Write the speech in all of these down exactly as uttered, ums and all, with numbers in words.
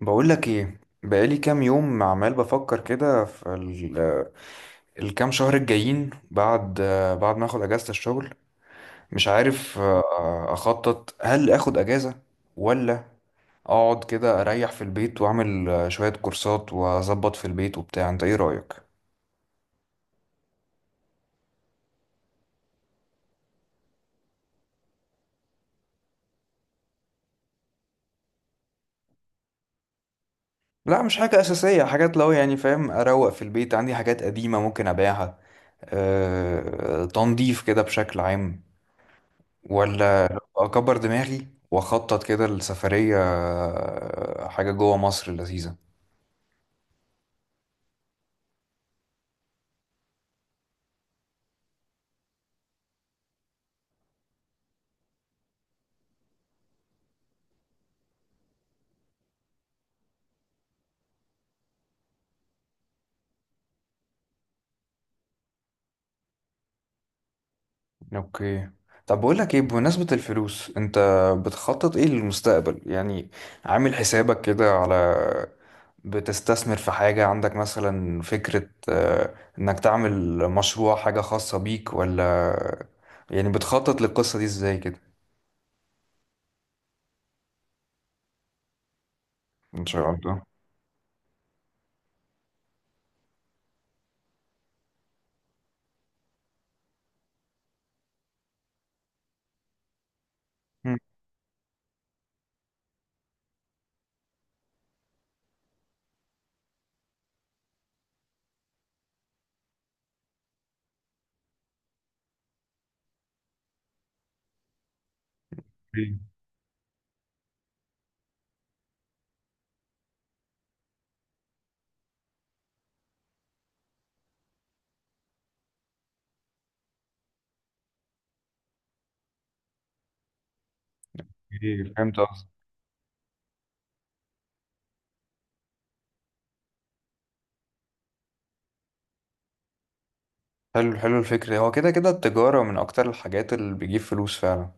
بقولك ايه، بقالي كام يوم عمال بفكر كده في ال- الكام شهر الجايين بعد بعد ما اخد اجازة الشغل. مش عارف، آه، اخطط هل اخد اجازة ولا اقعد كده اريح في البيت واعمل آه، شوية كورسات واظبط في البيت وبتاع. انت ايه رأيك؟ لا مش حاجة أساسية، حاجات لو يعني فاهم، أروق في البيت، عندي حاجات قديمة ممكن أبيعها، أه تنظيف كده بشكل عام، ولا اكبر دماغي واخطط كده لسفرية، آه، حاجة جوه مصر لذيذة. اوكي طب بقول لك ايه، بمناسبة الفلوس، انت بتخطط ايه للمستقبل يعني؟ عامل حسابك كده على، بتستثمر في حاجة، عندك مثلا فكرة آه، انك تعمل مشروع، حاجة خاصة بيك، ولا يعني بتخطط للقصة دي ازاي كده؟ ان شاء الله. مم. إيه، إيه، فهمت. حلو حلو، الفكرة هو كده كده التجارة من أكتر الحاجات اللي بتجيب فلوس فعلا.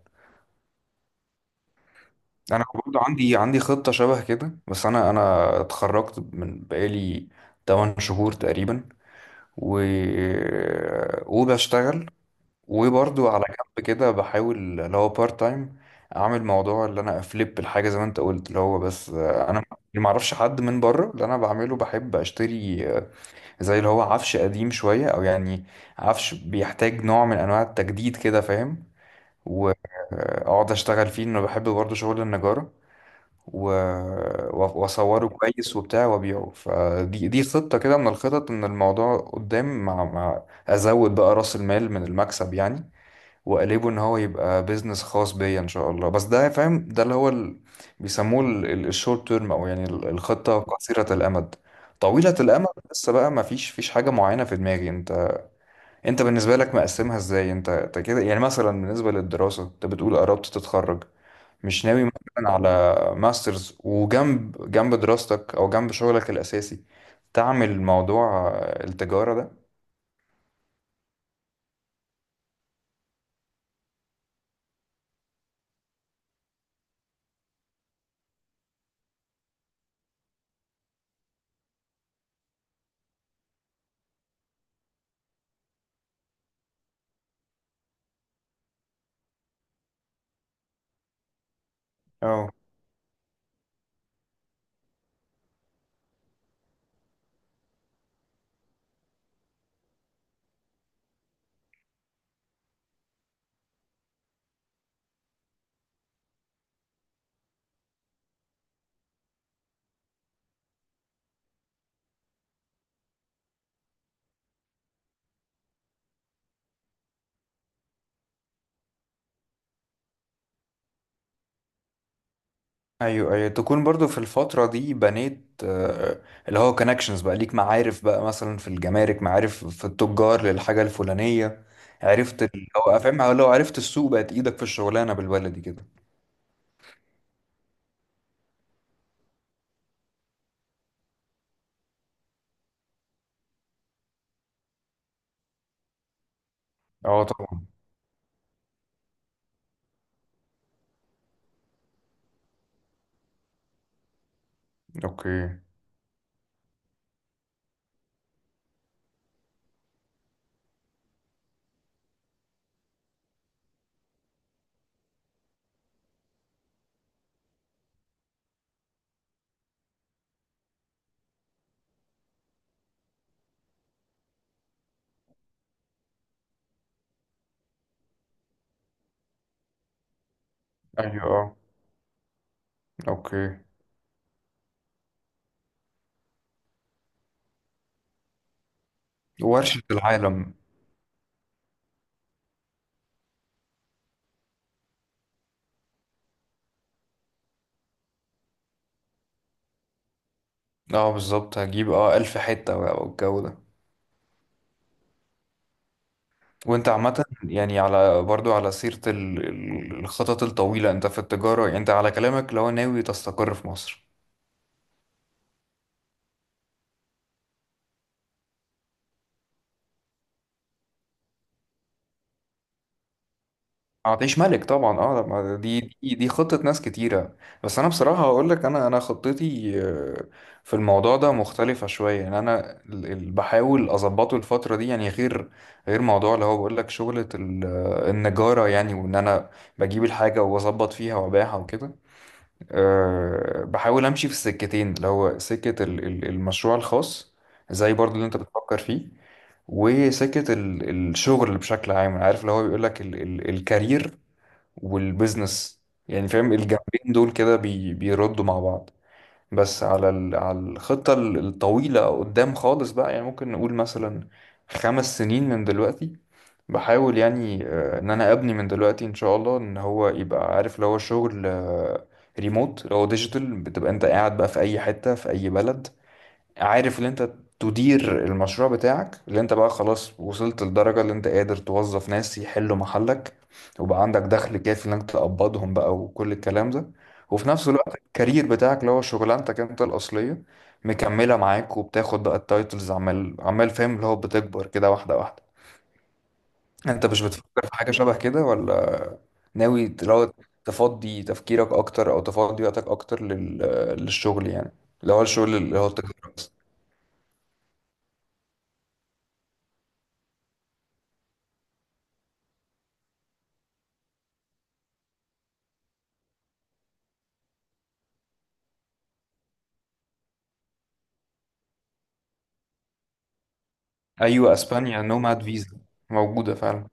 أنا برضه عندي عندي خطة شبه كده، بس أنا أنا اتخرجت من بقالي تمن شهور تقريبا و... وبشتغل وبرضه على جنب كده بحاول اللي هو بارت تايم أعمل موضوع اللي أنا أفليب الحاجة زي ما أنت قلت. اللي هو بس، آه، أنا اللي معرفش حد من بره. اللي أنا بعمله بحب أشتري آه، زي اللي هو عفش قديم شوية، أو يعني عفش بيحتاج نوع من أنواع التجديد كده، فاهم؟ واقعد اشتغل فيه، انه بحب برضه شغل النجارة. و- و- واصوره كويس وبتاع وابيعه. فدي دي خطة كده من الخطط، ان الموضوع قدام مع, مع ازود بقى راس المال من المكسب يعني. واقلبه ان هو يبقى بيزنس خاص بيا ان شاء الله. بس ده فاهم، ده اللي هو ال... بيسموه الشورت تيرم، او يعني ال- الخطة قصيرة الامد. طويلة الامد لسه بقى ما فيش فيش حاجة معينة في دماغي. انت، انت بالنسبة لك مقسمها ازاي انت؟ انت كده يعني مثلا بالنسبة للدراسة انت بتقول قربت تتخرج، مش ناوي مثلا على ماسترز؟ وجنب جنب دراستك او جنب شغلك الاساسي تعمل موضوع آه، التجارة ده؟ اه. ايوه ايوه، تكون برضو في الفترة دي بنيت آه، اللي هو كونكشنز بقى ليك، معارف بقى مثلا في الجمارك، معارف في التجار للحاجة الفلانية. عرفت اللي هو فاهم؟ لو عرفت السوق، بقت ايدك في الشغلانة بالبلدي كده. اه طبعا. اوكي. ايوه اه. اوكي. ورشة العالم. اه بالظبط، هجيب اه ألف حتة بقى والجو ده. وانت عامة يعني على، برضو على سيرة ال- ال- الخطط الطويلة، انت في التجارة يعني، انت على كلامك لو ناوي تستقر في مصر هتعيش ملك طبعا. اه لما دي دي دي خطة ناس كتيرة. بس انا بصراحة هقول لك، انا انا خطتي آه، في الموضوع ده مختلفة شوية يعني. انا ال- ال- بحاول اظبطه الفترة دي يعني. غير غير موضوع اللي هو بقول لك، شغلة ال- آه، النجارة يعني، وان انا بجيب الحاجة واظبط فيها وابيعها وكده. آه، بحاول امشي في السكتين، اللي هو سكة ال- ال- المشروع الخاص زي برضو اللي انت بتفكر فيه، وسكة ال- الشغل بشكل عام. عارف اللي هو بيقول لك الكارير والبيزنس. يعني فاهم الجنبين دول كده بي بيردوا مع بعض. بس على ال... على الخطة ال- الطويلة قدام خالص بقى، يعني ممكن نقول مثلا خمس سنين من دلوقتي، بحاول يعني آه، ان انا ابني من دلوقتي ان شاء الله ان هو يبقى، عارف، لو هو شغل ريموت، لو هو ديجيتال، بتبقى انت قاعد بقى في اي حتة في اي بلد، عارف اللي انت تدير المشروع بتاعك، اللي انت بقى خلاص وصلت لدرجة اللي انت قادر توظف ناس يحلوا محلك وبقى عندك دخل كافي انك تقبضهم بقى وكل الكلام ده. وفي نفس الوقت الكارير بتاعك اللي هو شغلانتك انت الأصلية مكملة معاك، وبتاخد بقى التايتلز عمال عمال فاهم؟ اللي هو بتكبر كده واحدة واحدة. انت مش بتفكر في حاجة شبه كده ولا؟ ناوي لو تفضي تفكيرك اكتر او تفضي وقتك اكتر لل... للشغل يعني، اللي هو الشغل اللي هو التجارة؟ ايوه، اسبانيا نوماد فيزا، موجوده فعلا.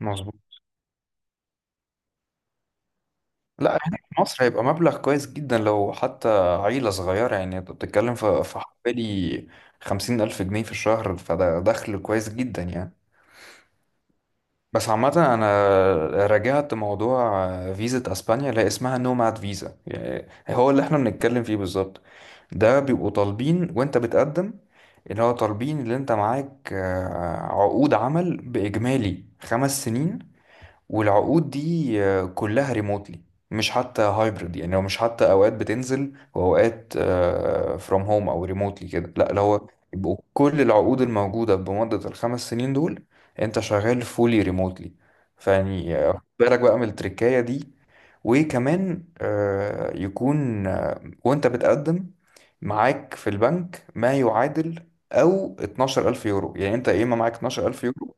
مظبوط. لا هنا في مصر هيبقى مبلغ كويس جدا، لو حتى عيله صغيره يعني. انت بتتكلم في في حوالي خمسين الف جنيه في الشهر، فده دخل كويس جدا يعني. بس عامة أنا راجعت موضوع فيزا أسبانيا، لا اسمها نوماد فيزا يعني هو اللي احنا بنتكلم فيه بالظبط. ده بيبقوا طالبين، وانت بتقدم اللي هو طالبين اللي انت معاك آه، عقود عمل بإجمالي خمس سنين، والعقود دي آه، كلها ريموتلي، مش حتى هايبرد يعني، هو مش حتى اوقات بتنزل واوقات فروم هوم او ريموتلي كده، لا اللي هو يبقوا كل العقود الموجوده بمده الخمس سنين دول انت شغال فولي ريموتلي. فيعني آه، خد بالك بقى من التركايه دي. وكمان آه، يكون آه، وانت بتقدم معاك في البنك ما يعادل، او اتناشر الف يورو يعني، انت يا اما معاك اتناشر الف يورو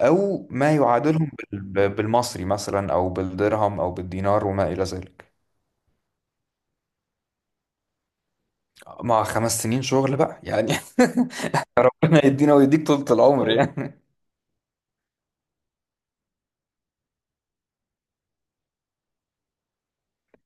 أو ما يعادلهم بال- بالمصري مثلا أو بالدرهم أو بالدينار وما إلى ذلك، مع خمس سنين شغل بقى يعني. ربنا يدينا ويديك طولة العمر يعني.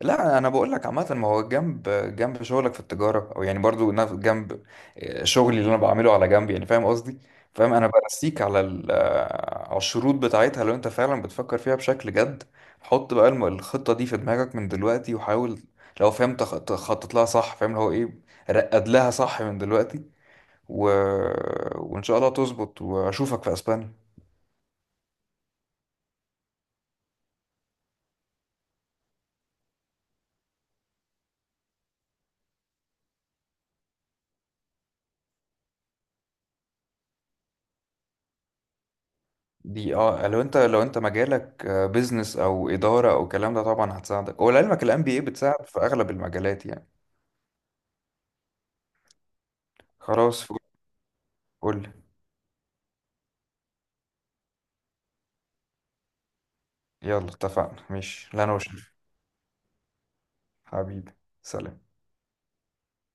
لا انا بقول لك عامه، ما هو جنب جنب شغلك في التجاره، او يعني برضو نف- جنب آه، شغلي اللي انا بعمله على جنب يعني، فاهم قصدي؟ فاهم، انا برسيك على ال- آه، على الشروط بتاعتها، لو انت فعلا بتفكر فيها بشكل جد حط بقى الم- الخطه دي في دماغك من دلوقتي، وحاول لو فاهم تخ- تخطط لها صح، فاهم اللي هو ايه، رقد لها صح من دلوقتي و... وان شاء الله تظبط واشوفك في اسبانيا. دي اه لو انت، لو انت مجالك بيزنس او اداره او الكلام ده طبعا هتساعدك. ولعلمك الام بي اي بتساعد في اغلب المجالات يعني. خلاص قول لي. يلا اتفقنا ماشي، لا انا وشريف. حبيبي، سلام.